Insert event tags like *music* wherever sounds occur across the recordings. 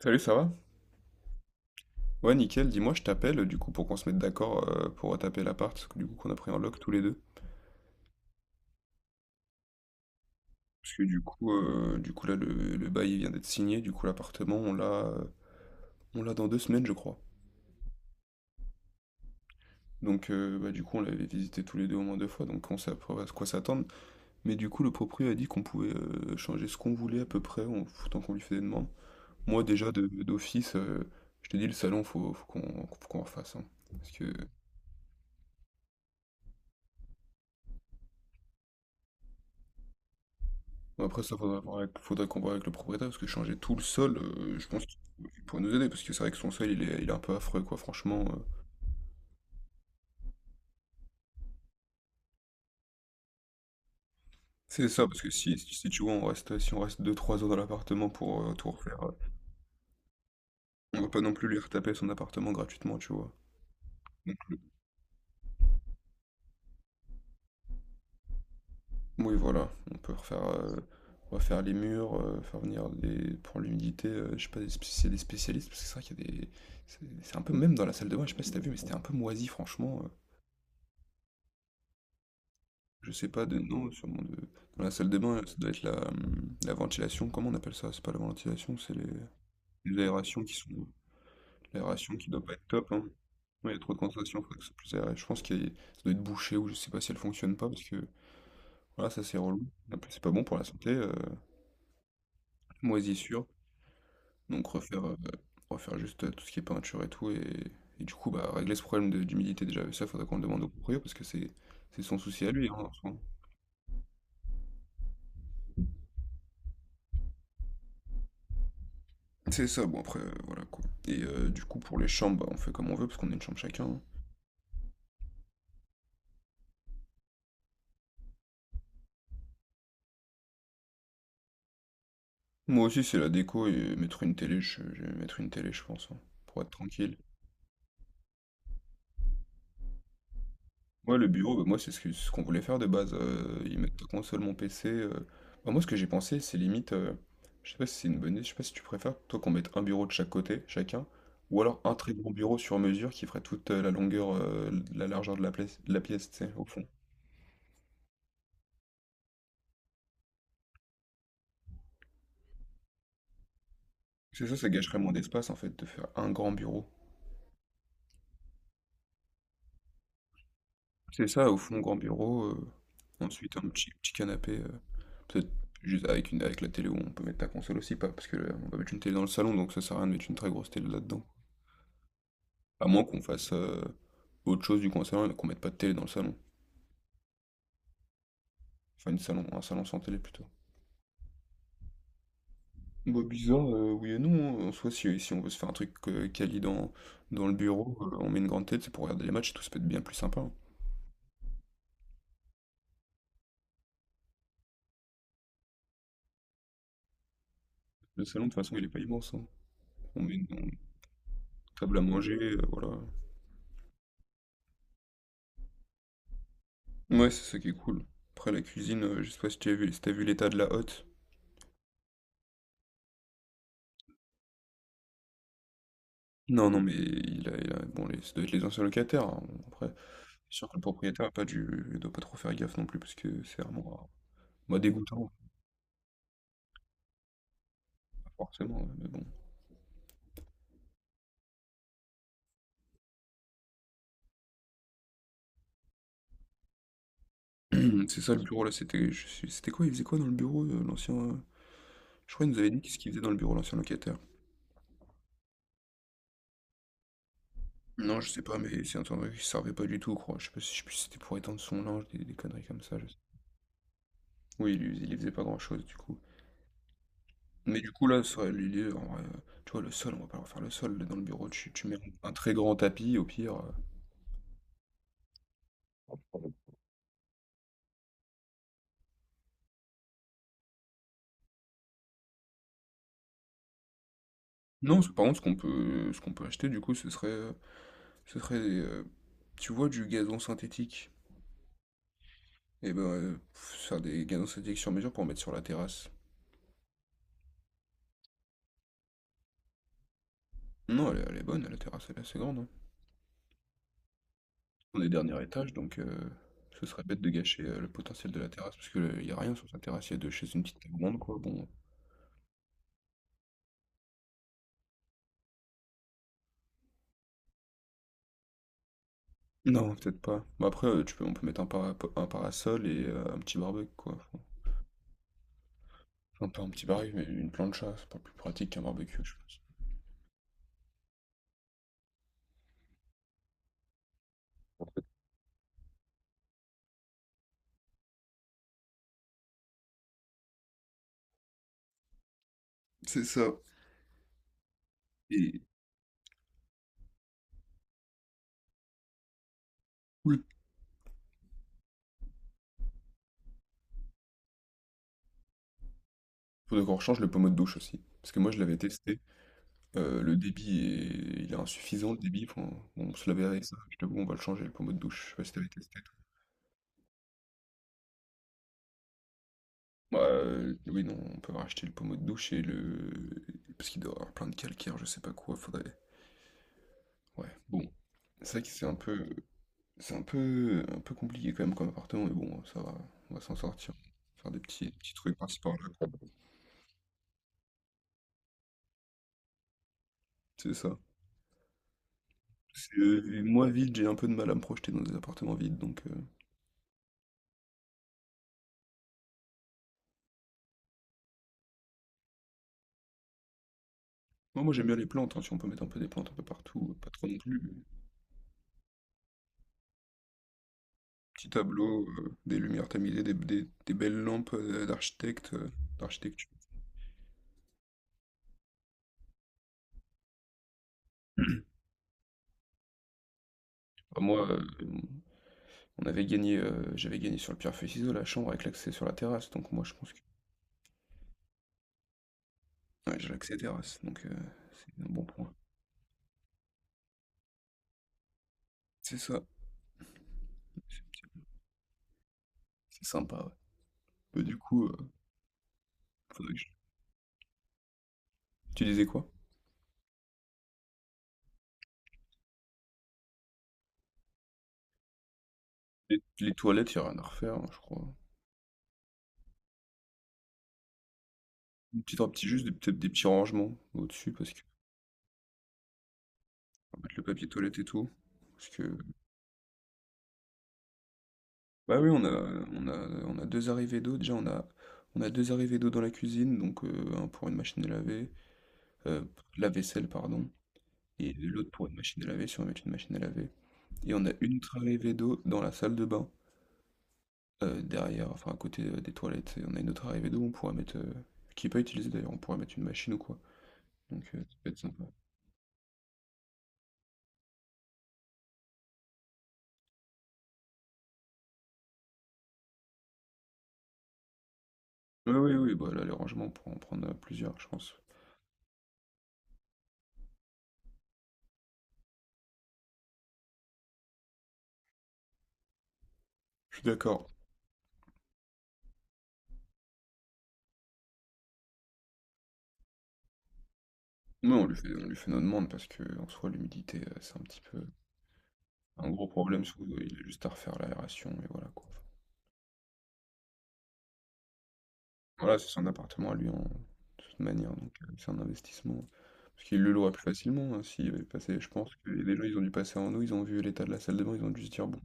Salut, ça va? Ouais, nickel. Dis-moi, je t'appelle du coup pour qu'on se mette d'accord pour retaper l'appart, parce que du coup qu'on a pris en lock tous les deux. Parce que du coup là, le bail il vient d'être signé. Du coup, l'appartement, on l'a dans deux semaines, je crois. Donc, du coup, on l'avait visité tous les deux au moins deux fois, donc on sait à peu près à quoi s'attendre. Mais du coup, le proprio a dit qu'on pouvait changer ce qu'on voulait à peu près, en tant qu'on lui fait des demandes. Moi, déjà d'office, je te dis le salon, faut qu'on refasse, hein. parce que Bon, après ça, faudrait qu'on voit avec le propriétaire, parce que changer tout le sol, je pense qu'il pourrait nous aider, parce que c'est vrai que son sol, il est un peu affreux, quoi, franchement. C'est ça, parce que si tu vois, si on reste deux trois heures dans l'appartement pour tout refaire, on va pas non plus lui retaper son appartement gratuitement, tu vois. Donc, oui, voilà, on peut refaire, on va faire les murs, faire venir des, pour l'humidité, je sais pas si c'est des spécialistes, parce que c'est vrai qu'il y a des... C'est un peu, même dans la salle de bain, je sais pas si t'as vu, mais c'était un peu moisi, franchement. Je sais pas de non, sûrement de dans la salle des bains, ça doit être la ventilation, comment on appelle ça? C'est pas la ventilation, c'est les aérations qui sont l'aération qui doit pas être top, hein. Ouais, il y a trop de condensation, faudrait que c'est plus aéré. Je pense qu'il y a- ça doit être bouché ou je sais pas si elle fonctionne pas parce que voilà, ça c'est relou. Après, c'est pas bon pour la santé, moisissure. Donc refaire juste tout ce qui est peinture et tout et du coup bah régler ce problème d'humidité déjà. Et ça faudrait qu'on le demande au proprio parce que c'est son souci à lui, hein, en soi. C'est ça, bon après, voilà quoi. Et du coup, pour les chambres, bah, on fait comme on veut parce qu'on a une chambre chacun, hein. Moi aussi, c'est la déco et mettre une télé, je vais mettre une télé, je pense, hein, pour être tranquille. Moi, le bureau, bah, moi, c'est ce qu'on voulait faire de base. Y mettre ta console, mon PC. Bah, moi, ce que j'ai pensé, c'est limite, je sais pas si c'est une bonne idée, je sais pas si tu préfères, toi, qu'on mette un bureau de chaque côté, chacun, ou alors un très grand bureau sur mesure qui ferait toute la longueur, la largeur de la pièce, tu sais, au fond. C'est ça, ça gâcherait moins d'espace en fait, de faire un grand bureau. C'est ça, au fond, grand bureau, ensuite un petit canapé, peut-être juste avec une avec la télé où on peut mettre la console aussi, pas parce que on va mettre une télé dans le salon, donc ça sert à rien de mettre une très grosse télé là-dedans. À moins qu'on fasse, autre chose du coin salon et qu'on mette pas de télé dans le salon. Enfin une salon un salon sans télé plutôt. Bah bizarre, oui et non, hein. En soi, si on veut se faire un truc, quali dans le bureau, on met une grande télé, c'est pour regarder les matchs et tout, ça peut être bien plus sympa, hein. Le salon de toute façon il est pas immense, hein. On met une table à manger, voilà. Ouais, c'est ça qui est cool. Après, la cuisine, je sais pas si tu as vu, si t'as vu l'état de la hotte. Non, non, mais bon, ça doit être les anciens locataires, hein. Bon, après, c'est sûr que le propriétaire a pas dû, il doit pas trop faire gaffe non plus, parce que c'est vraiment bah, dégoûtant, forcément, ouais, mais bon. *clears throat* C'est ça le bureau là, c'était quoi? Il faisait quoi dans le bureau, l'ancien. Je crois qu'il nous avait dit qu'est-ce qu'il faisait dans le bureau, l'ancien locataire. Non, je sais pas, mais c'est un truc qui servait pas du tout, quoi. Je sais pas si je sais plus si c'était pour étendre son linge, des conneries comme ça, je sais. Oui, il y faisait pas grand-chose, du coup. Mais du coup, là, ça, l'idée, en vrai, tu vois, le sol, on va pas refaire le sol là, dans le bureau. Tu mets un très grand tapis, au pire. Heu. Non, ce par contre, ce qu'on peut acheter, du coup, ce serait, des, tu vois, du gazon synthétique? Et ben, faire des gazons synthétiques sur mesure pour mettre sur la terrasse. Non, elle est bonne, la terrasse, elle est assez grande, hein. On est dernier étage, donc ce serait bête de gâcher, le potentiel de la terrasse parce que, il y a rien sur sa terrasse. Il y a 2 chaises, une petite table ronde, quoi, bon. Non, peut-être pas. Mais après, tu peux on peut mettre un para un parasol et un petit barbecue, quoi, enfin. Un peu un petit baril, mais une plancha, c'est pas plus pratique qu'un barbecue, je pense. C'est ça. Et cool. Faut qu'on rechange le pommeau de douche aussi. Parce que moi, je l'avais testé. Le débit est il est insuffisant, le débit, enfin on se lavait avec ça. Je t'avoue, on va le changer, le pommeau de douche. Je sais pas si t'avais testé, toi. Bah, oui, non, on peut racheter le pommeau de douche et le. Parce qu'il doit avoir plein de calcaire, je sais pas quoi. Faudrait. Ouais, bon. C'est vrai que c'est un peu. C'est un peu un peu compliqué quand même comme appartement, mais bon, ça va. On va s'en sortir. Faire des petits trucs par-ci par-là, quoi. C'est ça. Je- moi, vide, j'ai un peu de mal à me projeter dans des appartements vides, donc... Moi, j'aime bien les plantes, hein, si on peut mettre un peu des plantes un peu partout, pas trop non plus. Mais petit tableau, des lumières tamisées, des belles lampes d'architecture. Enfin, moi, j'avais gagné sur le pierre-feuille-ciseau la chambre avec l'accès sur la terrasse, donc moi, je pense que... Ouais, j'ai l'accès terrasse, donc c'est un bon point. C'est ça, c'est c'est sympa, ouais. Bah, du coup, faudrait que je- Tu disais quoi? Les toilettes, il n'y a rien à refaire, hein, je crois. Petit un petit juste des peut-être des petits rangements au-dessus parce que faut mettre le papier toilette et tout. Parce que bah oui, on a on a 2 arrivées d'eau déjà, on a 2 arrivées d'eau dans la cuisine, donc 1 pour une machine à laver, heu, lave-vaisselle pardon, et l'autre pour une machine à laver si on veut mettre une machine à laver, et on a une autre arrivée d'eau dans la salle de bain, derrière, enfin à côté, des toilettes, et on a une autre arrivée d'eau, on pourra mettre, qui est pas utilisée d'ailleurs, on pourrait mettre une machine ou quoi. Donc ça peut être sympa. Oui, oui, oui, bah là les rangements on pourra en prendre, plusieurs je pense. Je suis d'accord. Oui, on lui fait nos demandes parce que en soi, l'humidité, c'est un petit peu un gros problème, surtout, il a juste à refaire l'aération et voilà, quoi. Enfin, voilà, c'est son appartement à lui, en de toute manière, donc c'est un investissement. Parce qu'il le louera plus facilement, hein, s'il avait passé, je pense que les gens, ils ont dû passer en nous, ils ont vu l'état de la salle de bain, ils ont dû se dire: «Bon,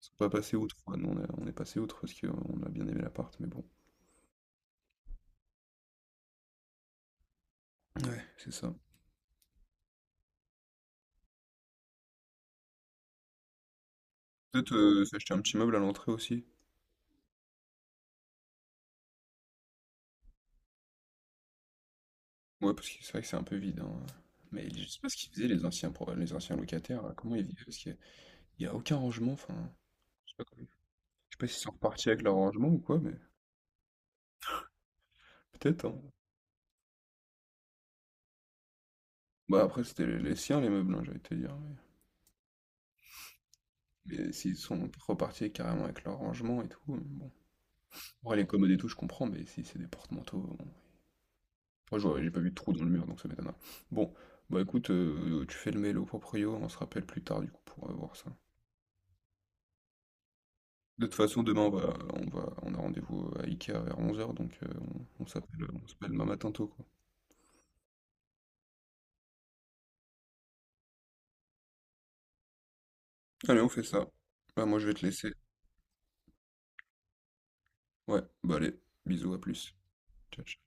ils sont pas passés outre, quoi». Nous, on est passé outre parce qu'on a bien aimé l'appart, mais bon. Ouais, c'est ça. Peut-être, s'acheter un petit meuble à l'entrée aussi. Ouais, parce que c'est vrai que c'est un peu vide, hein, mais je sais pas ce qu'ils faisaient les anciens locataires, là, comment ils vivaient? Parce que Il y a aucun rangement, enfin, je sais pas comment- je sais pas s'ils sont repartis avec leur rangement ou quoi, mais peut-être, hein. Bah après, c'était les siens, les meubles, hein, j'allais te dire, mais s'ils sont repartis carrément avec leur rangement et tout, mais bon. En vrai, les commodes et tout, je comprends, mais si c'est des porte-manteaux, bon. Moi, je vois- j'ai pas vu de trou dans le mur, donc ça m'étonne. Bon, bah écoute, tu fais le mail au proprio, on se rappelle plus tard, du coup, pour voir ça. De toute façon, demain, on a rendez-vous à Ikea vers 11h, donc on s'appelle demain matin tôt, quoi. Allez, on fait ça. Bah, moi, je vais te laisser. Ouais, bah allez, bisous, à plus. Ciao, ciao.